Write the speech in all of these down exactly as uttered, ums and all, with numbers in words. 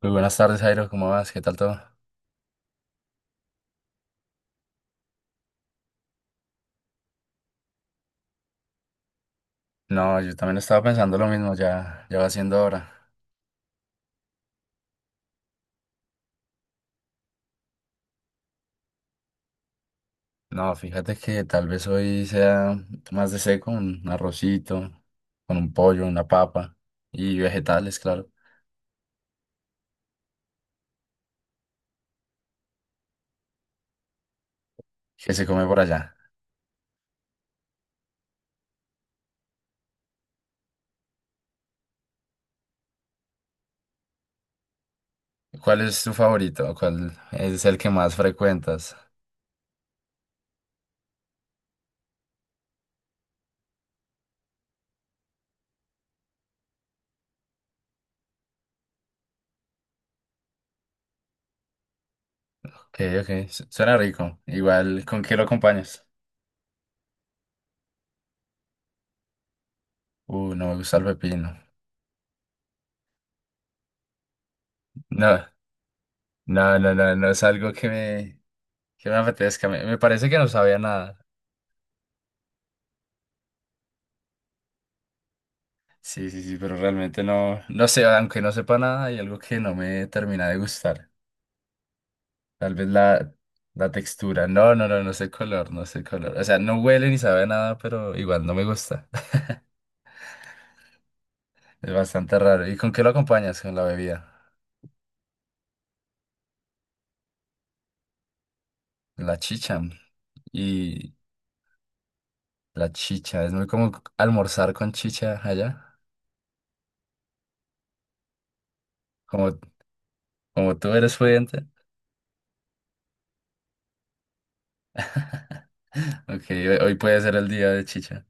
Muy buenas tardes, Jairo, ¿cómo vas? ¿Qué tal todo? No, yo también estaba pensando lo mismo, ya, ya va siendo hora. No, fíjate que tal vez hoy sea más de seco, un arrocito, con un pollo, una papa y vegetales, claro, que se come por allá. ¿Cuál es tu favorito? ¿Cuál es el que más frecuentas? Ok, ok, su- suena rico. Igual, ¿con qué lo acompañas? Uh, no me gusta el pepino. No, no, no, no, no es algo que me, que me apetezca. Me, me parece que no sabía nada. Sí, sí, sí, pero realmente no, no sé, aunque no sepa nada, hay algo que no me termina de gustar. Tal vez la, la textura. No, no, no, no sé el color, no sé el color. O sea, no huele ni sabe a nada, pero igual no me gusta. Es bastante raro. ¿Y con qué lo acompañas? Con la bebida. La chicha. Y la chicha, es muy como almorzar con chicha allá. Como, como tú eres pudiente. Ok, hoy hoy puede ser el día de chicha.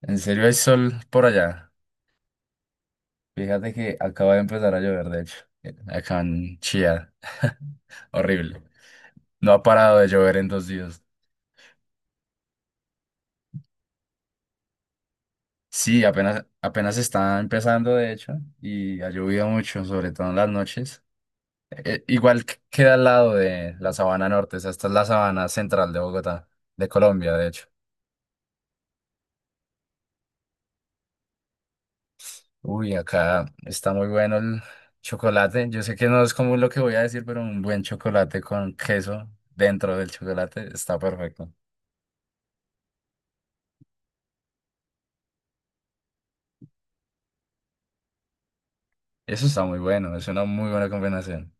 ¿En serio hay sol por allá? Fíjate que acaba de empezar a llover, de hecho, acá en Chía. Horrible. No ha parado de llover en dos días. Sí, apenas, apenas está empezando, de hecho, y ha llovido mucho, sobre todo en las noches. Eh, igual que- queda al lado de la Sabana Norte, o sea, esta es la Sabana Central de Bogotá, de Colombia, de hecho. Uy, acá está muy bueno el chocolate. Yo sé que no es común lo que voy a decir, pero un buen chocolate con queso dentro del chocolate está perfecto. Eso está muy bueno, es una muy buena combinación.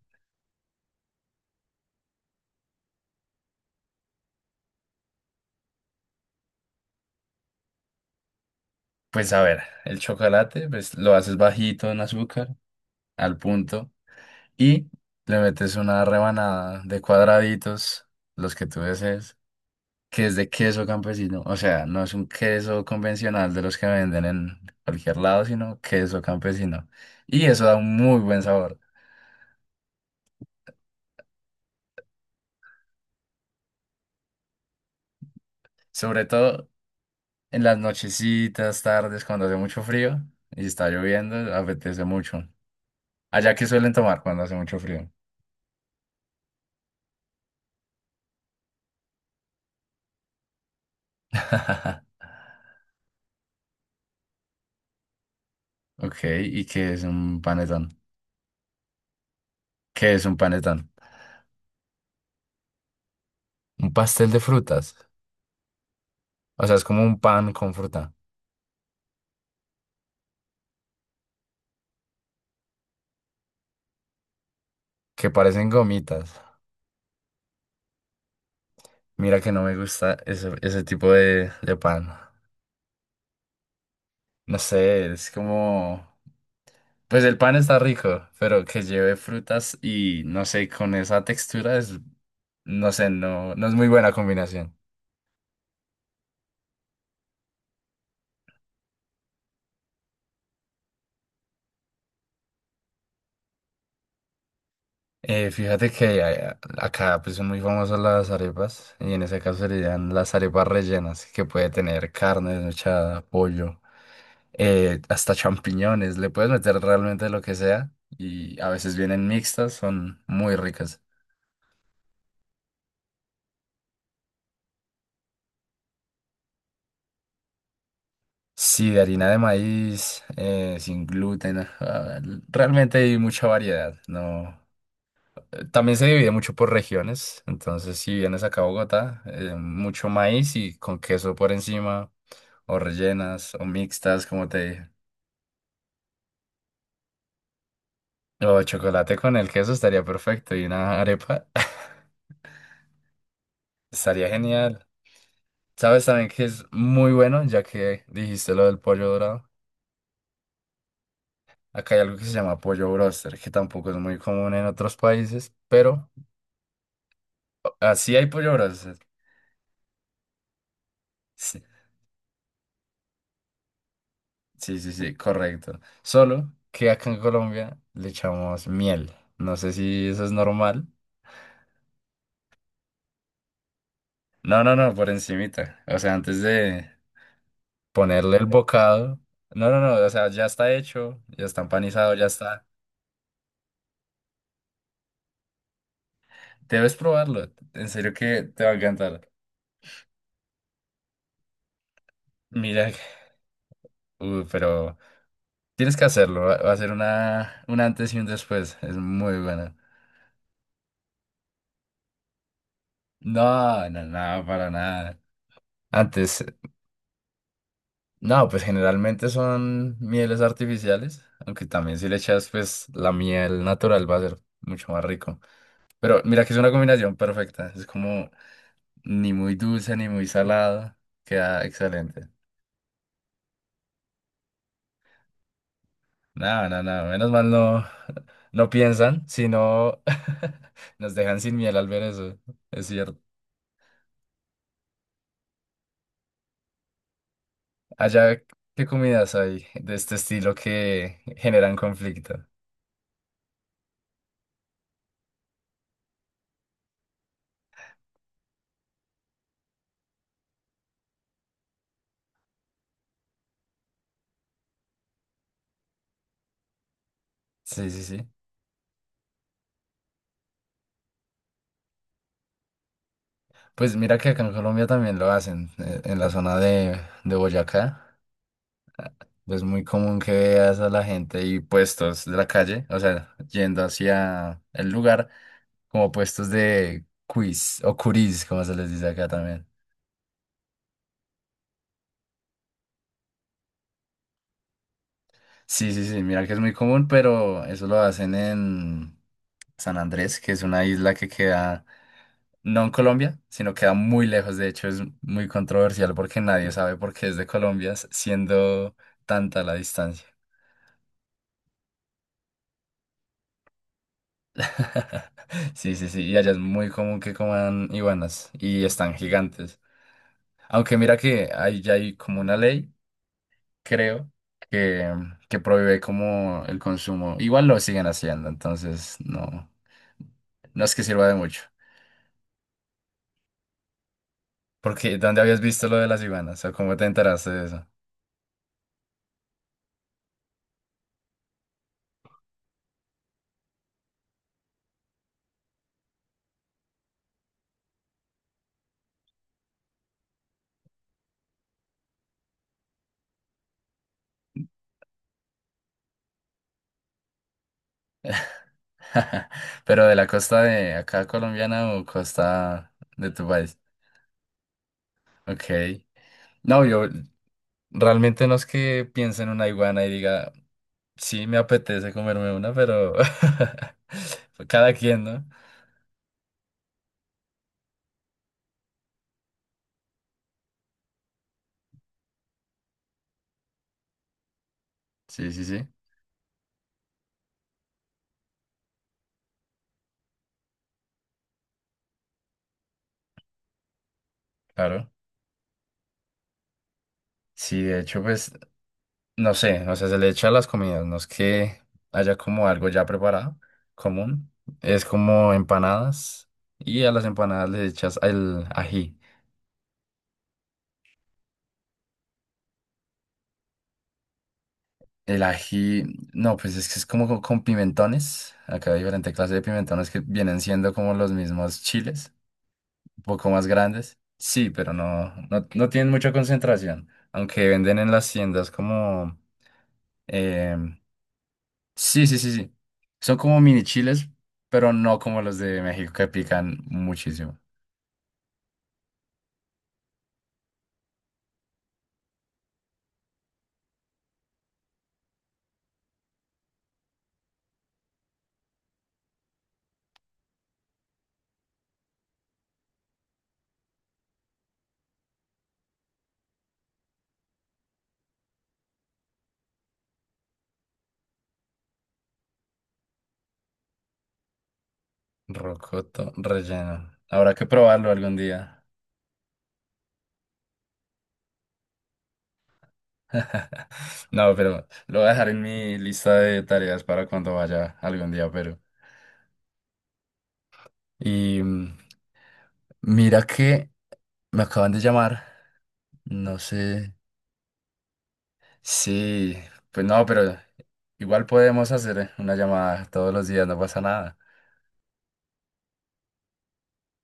Pues a ver, el chocolate, pues lo haces bajito en azúcar, al punto, y le metes una rebanada de cuadraditos, los que tú desees, que es de queso campesino. O sea, no es un queso convencional de los que venden en cualquier lado, sino queso campesino. Y eso da un muy buen sabor, sobre todo en las nochecitas, tardes, cuando hace mucho frío y está lloviendo, apetece mucho. Allá que suelen tomar cuando hace mucho frío. Ok, ¿y qué es un panetón? ¿Qué es un panetón? Un pastel de frutas. O sea, es como un pan con fruta, que parecen gomitas. Mira que no me gusta ese, ese tipo de, de pan. No sé, es como... Pues el pan está rico, pero que lleve frutas y no sé, con esa textura es... No sé, no, no es muy buena combinación. Eh, fíjate que a- acá pues son muy famosas las arepas y en ese caso serían las arepas rellenas que puede tener carne desmechada, pollo, eh, hasta champiñones, le puedes meter realmente lo que sea y a veces vienen mixtas, son muy ricas. Sí, de harina de maíz, eh, sin gluten, ah, realmente hay mucha variedad, ¿no? Eh, También se divide mucho por regiones, entonces si vienes acá a Bogotá, eh, mucho maíz y con queso por encima, o rellenas, o mixtas, como te dije. O chocolate con el queso estaría perfecto y una arepa estaría genial. ¿Sabes también que es muy bueno, ya que dijiste lo del pollo dorado? Acá hay algo que se llama pollo broster, que tampoco es muy común en otros países, pero así hay pollo broster. Sí, sí, sí, sí, correcto. Solo que acá en Colombia le echamos miel. No sé si eso es normal. No, no, no, por encimita. O sea, antes de, ponerle el bocado. No, no, no, o sea, ya está hecho, ya está empanizado, ya está. Debes probarlo, en serio que te va a encantar. Mira, que- uh, pero tienes que hacerlo, va va a ser una, un antes y un después, es muy buena. No, no, no, para nada. Antes, no, pues generalmente son mieles artificiales, aunque también si le echas pues la miel natural va a ser mucho más rico. Pero mira que es una combinación perfecta, es como ni muy dulce ni muy salado. Queda excelente. No, no, no, menos mal no, no piensan, sino nos dejan sin miel al ver eso, es cierto. Allá, ¿qué comidas hay de este estilo que generan conflicto? Sí, sí, sí. Pues mira que acá en Colombia también lo hacen, eh, en la zona de, de Boyacá. Es muy común que veas a la gente y puestos de la calle, o sea, yendo hacia el lugar, como puestos de quiz o curis, como se les dice acá también. Sí, sí, sí, mira que es muy común, pero eso lo hacen en San Andrés, que es una isla que queda no en Colombia, sino queda muy lejos. De hecho, es muy controversial porque nadie sabe por qué es de Colombia, s- siendo tanta la distancia. Sí, sí, sí, y allá es muy común que coman iguanas y están gigantes. Aunque mira que hay, ya hay como una ley, creo, que, que prohíbe como el consumo. Igual lo siguen haciendo, entonces no, no es que sirva de mucho. Porque ¿dónde habías visto lo de las iguanas? ¿O cómo te enteraste de eso? Pero de la costa de acá colombiana o costa de tu país. Ok. No, yo realmente no es que piense en una iguana y diga, sí, me apetece comerme una, pero cada quien, ¿no? Sí, sí, sí, claro. Sí, de hecho, pues, no sé, o sea, se le echa a las comidas, no es que haya como algo ya preparado, común, es como empanadas y a las empanadas le echas el ají. El ají, no, pues es que es como co- con pimentones, acá hay diferentes clases de pimentones que vienen siendo como los mismos chiles, un poco más grandes, sí, pero no, no, no tienen mucha concentración, aunque venden en las tiendas como... em, Sí, sí, sí, sí. Son como mini chiles, pero no como los de México que pican muchísimo. Rocoto relleno. Habrá que probarlo algún día. No, pero lo voy a dejar en mi lista de tareas para cuando vaya algún día, pero... Y mm, mira que me acaban de llamar. No sé. Sí, pues no, pero igual podemos hacer una llamada todos los días, no pasa nada.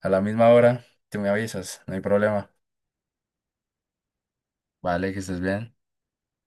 A la misma hora, tú me avisas, no hay problema. Vale, que estés bien.